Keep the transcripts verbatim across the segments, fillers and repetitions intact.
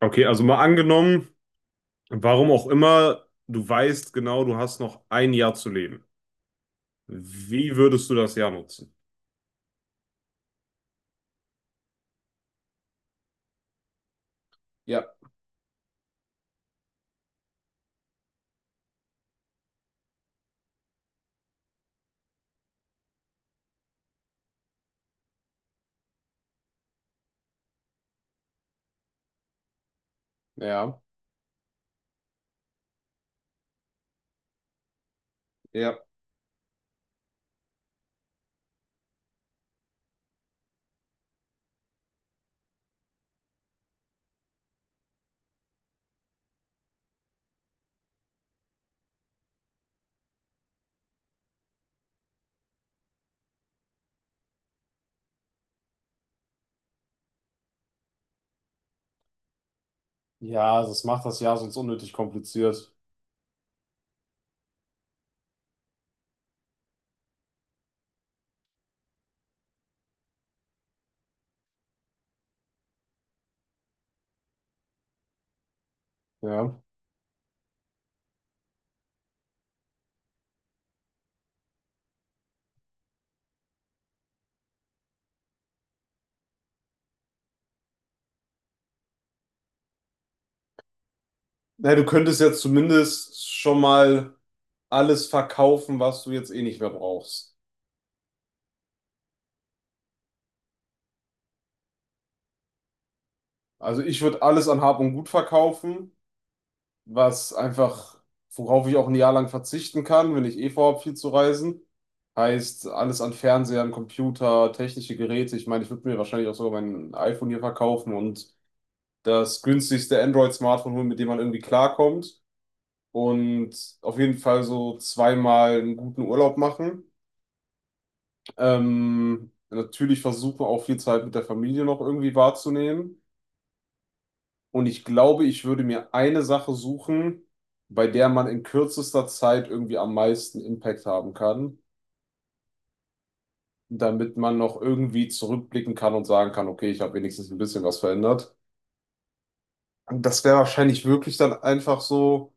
Okay, also mal angenommen, warum auch immer, du weißt genau, du hast noch ein Jahr zu leben. Wie würdest du das Jahr nutzen? Ja, ja. Ja, das macht das Jahr sonst unnötig kompliziert. Ja. Na, du könntest jetzt zumindest schon mal alles verkaufen, was du jetzt eh nicht mehr brauchst. Also ich würde alles an Hab und Gut verkaufen, was einfach, worauf ich auch ein Jahr lang verzichten kann, wenn ich eh vorhabe, viel zu reisen. Heißt, alles an Fernsehern, Computer, technische Geräte. Ich meine, ich würde mir wahrscheinlich auch sogar mein iPhone hier verkaufen und das günstigste Android-Smartphone holen, mit dem man irgendwie klarkommt. Und auf jeden Fall so zweimal einen guten Urlaub machen. Ähm, natürlich versuchen, auch viel Zeit mit der Familie noch irgendwie wahrzunehmen. Und ich glaube, ich würde mir eine Sache suchen, bei der man in kürzester Zeit irgendwie am meisten Impact haben kann, damit man noch irgendwie zurückblicken kann und sagen kann, okay, ich habe wenigstens ein bisschen was verändert. Und das wäre wahrscheinlich wirklich dann einfach so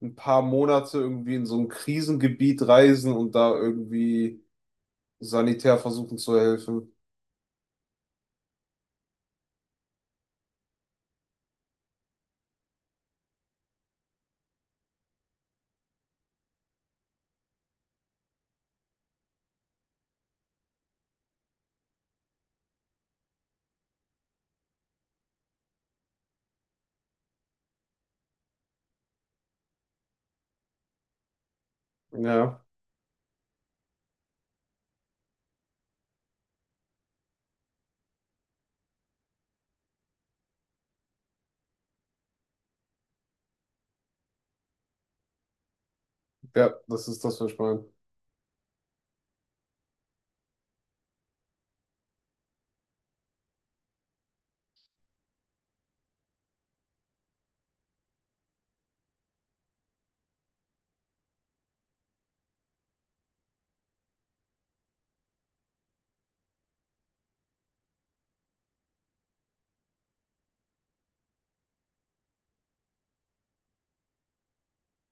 ein paar Monate irgendwie in so ein Krisengebiet reisen und da irgendwie sanitär versuchen zu helfen. Ja, ja, das ist das, was ich meine.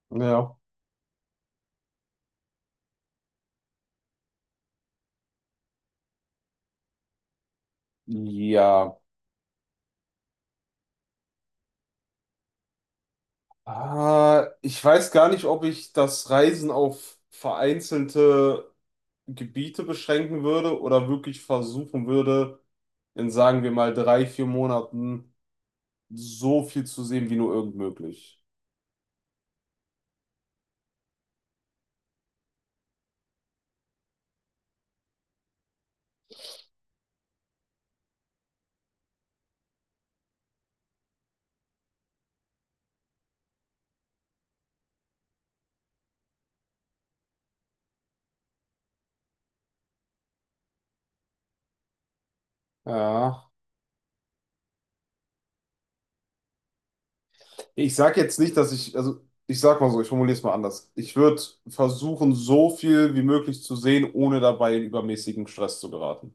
Ja. Ja. Ah, ich weiß gar nicht, ob ich das Reisen auf vereinzelte Gebiete beschränken würde oder wirklich versuchen würde, in sagen wir mal drei, vier Monaten so viel zu sehen, wie nur irgend möglich. Ja. Ich sag jetzt nicht, dass ich, also ich sag mal so, ich formuliere es mal anders. Ich würde versuchen, so viel wie möglich zu sehen, ohne dabei in übermäßigen Stress zu geraten.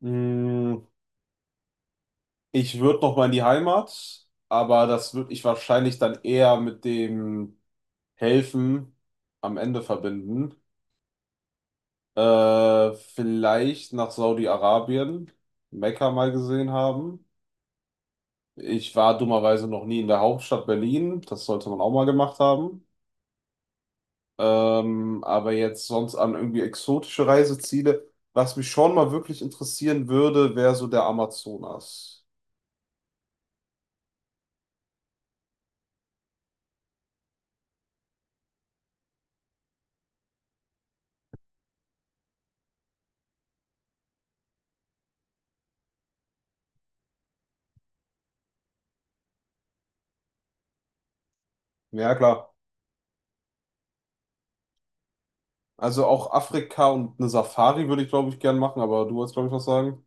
Mm, Ich würde noch mal in die Heimat, aber das würde ich wahrscheinlich dann eher mit dem Helfen am Ende verbinden. Äh, vielleicht nach Saudi-Arabien, Mekka mal gesehen haben. Ich war dummerweise noch nie in der Hauptstadt Berlin. Das sollte man auch mal gemacht haben. Ähm, aber jetzt sonst an irgendwie exotische Reiseziele. Was mich schon mal wirklich interessieren würde, wäre so der Amazonas. Ja, klar. Also auch Afrika und eine Safari würde ich, glaube ich, gern machen, aber du wolltest, glaube ich, was sagen.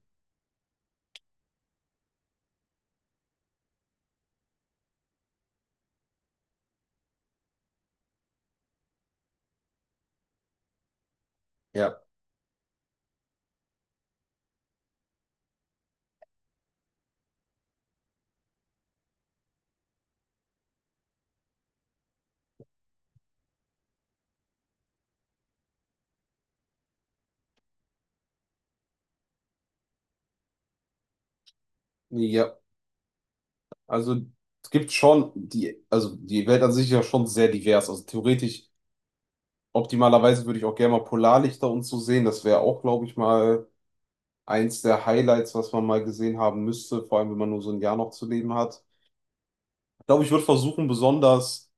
Ja, ja, also es gibt schon die, also die Welt an sich ist ja schon sehr divers. Also theoretisch, optimalerweise würde ich auch gerne mal Polarlichter und so sehen. Das wäre auch, glaube ich, mal eins der Highlights, was man mal gesehen haben müsste, vor allem wenn man nur so ein Jahr noch zu leben hat. Ich glaube, ich würde versuchen, besonders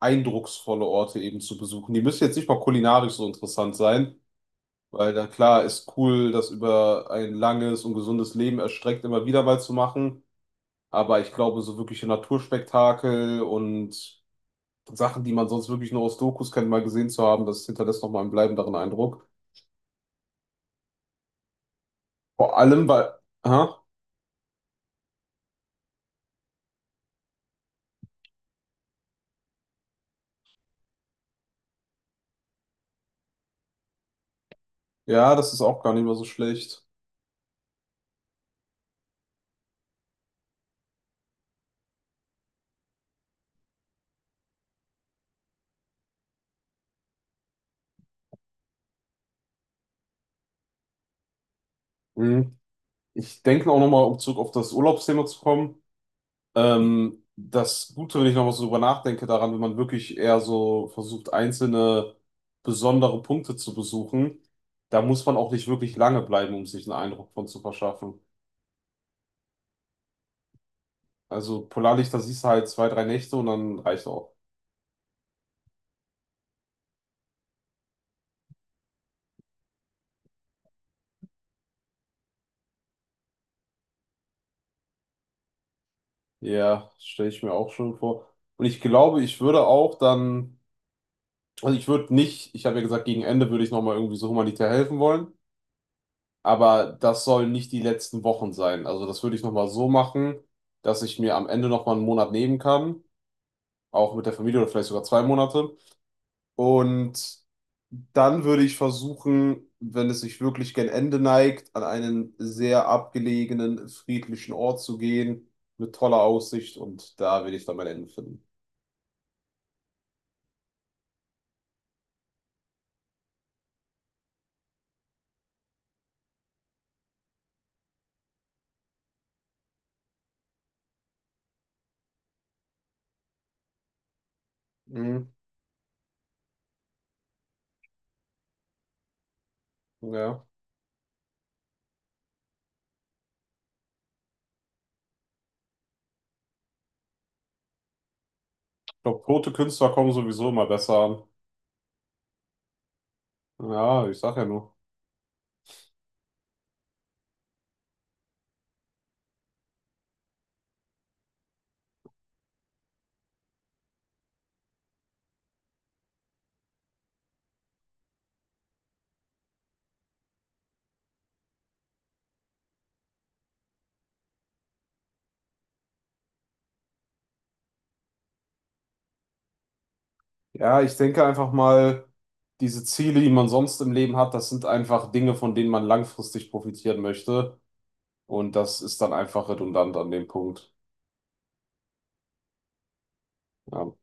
eindrucksvolle Orte eben zu besuchen. Die müssen jetzt nicht mal kulinarisch so interessant sein. Weil dann klar ist cool, das über ein langes und gesundes Leben erstreckt immer wieder mal zu machen. Aber ich glaube, so wirkliche Naturspektakel und Sachen, die man sonst wirklich nur aus Dokus kennt, mal gesehen zu haben, das hinterlässt nochmal einen bleibenderen Eindruck. Vor allem, weil, aha, ja, das ist auch gar nicht mehr so schlecht. Mhm. Ich denke auch nochmal, um zurück auf das Urlaubsthema zu kommen. Ähm, das Gute, wenn ich nochmal so drüber nachdenke, daran, wenn man wirklich eher so versucht, einzelne besondere Punkte zu besuchen, da muss man auch nicht wirklich lange bleiben, um sich einen Eindruck von zu verschaffen. Also Polarlichter siehst du halt zwei, drei Nächte und dann reicht auch. Ja, stelle ich mir auch schon vor. Und ich glaube, ich würde auch dann, also ich würde nicht, ich habe ja gesagt, gegen Ende würde ich nochmal irgendwie so humanitär helfen wollen. Aber das sollen nicht die letzten Wochen sein. Also das würde ich nochmal so machen, dass ich mir am Ende nochmal einen Monat nehmen kann, auch mit der Familie oder vielleicht sogar zwei Monate. Und dann würde ich versuchen, wenn es sich wirklich gen Ende neigt, an einen sehr abgelegenen, friedlichen Ort zu gehen mit toller Aussicht, und da will ich dann mein Ende finden. Mhm, ja. Ich glaube, tote Künstler kommen sowieso immer besser an. Ja, ich sag ja nur. Ja, ich denke einfach mal, diese Ziele, die man sonst im Leben hat, das sind einfach Dinge, von denen man langfristig profitieren möchte. Und das ist dann einfach redundant an dem Punkt. Ja.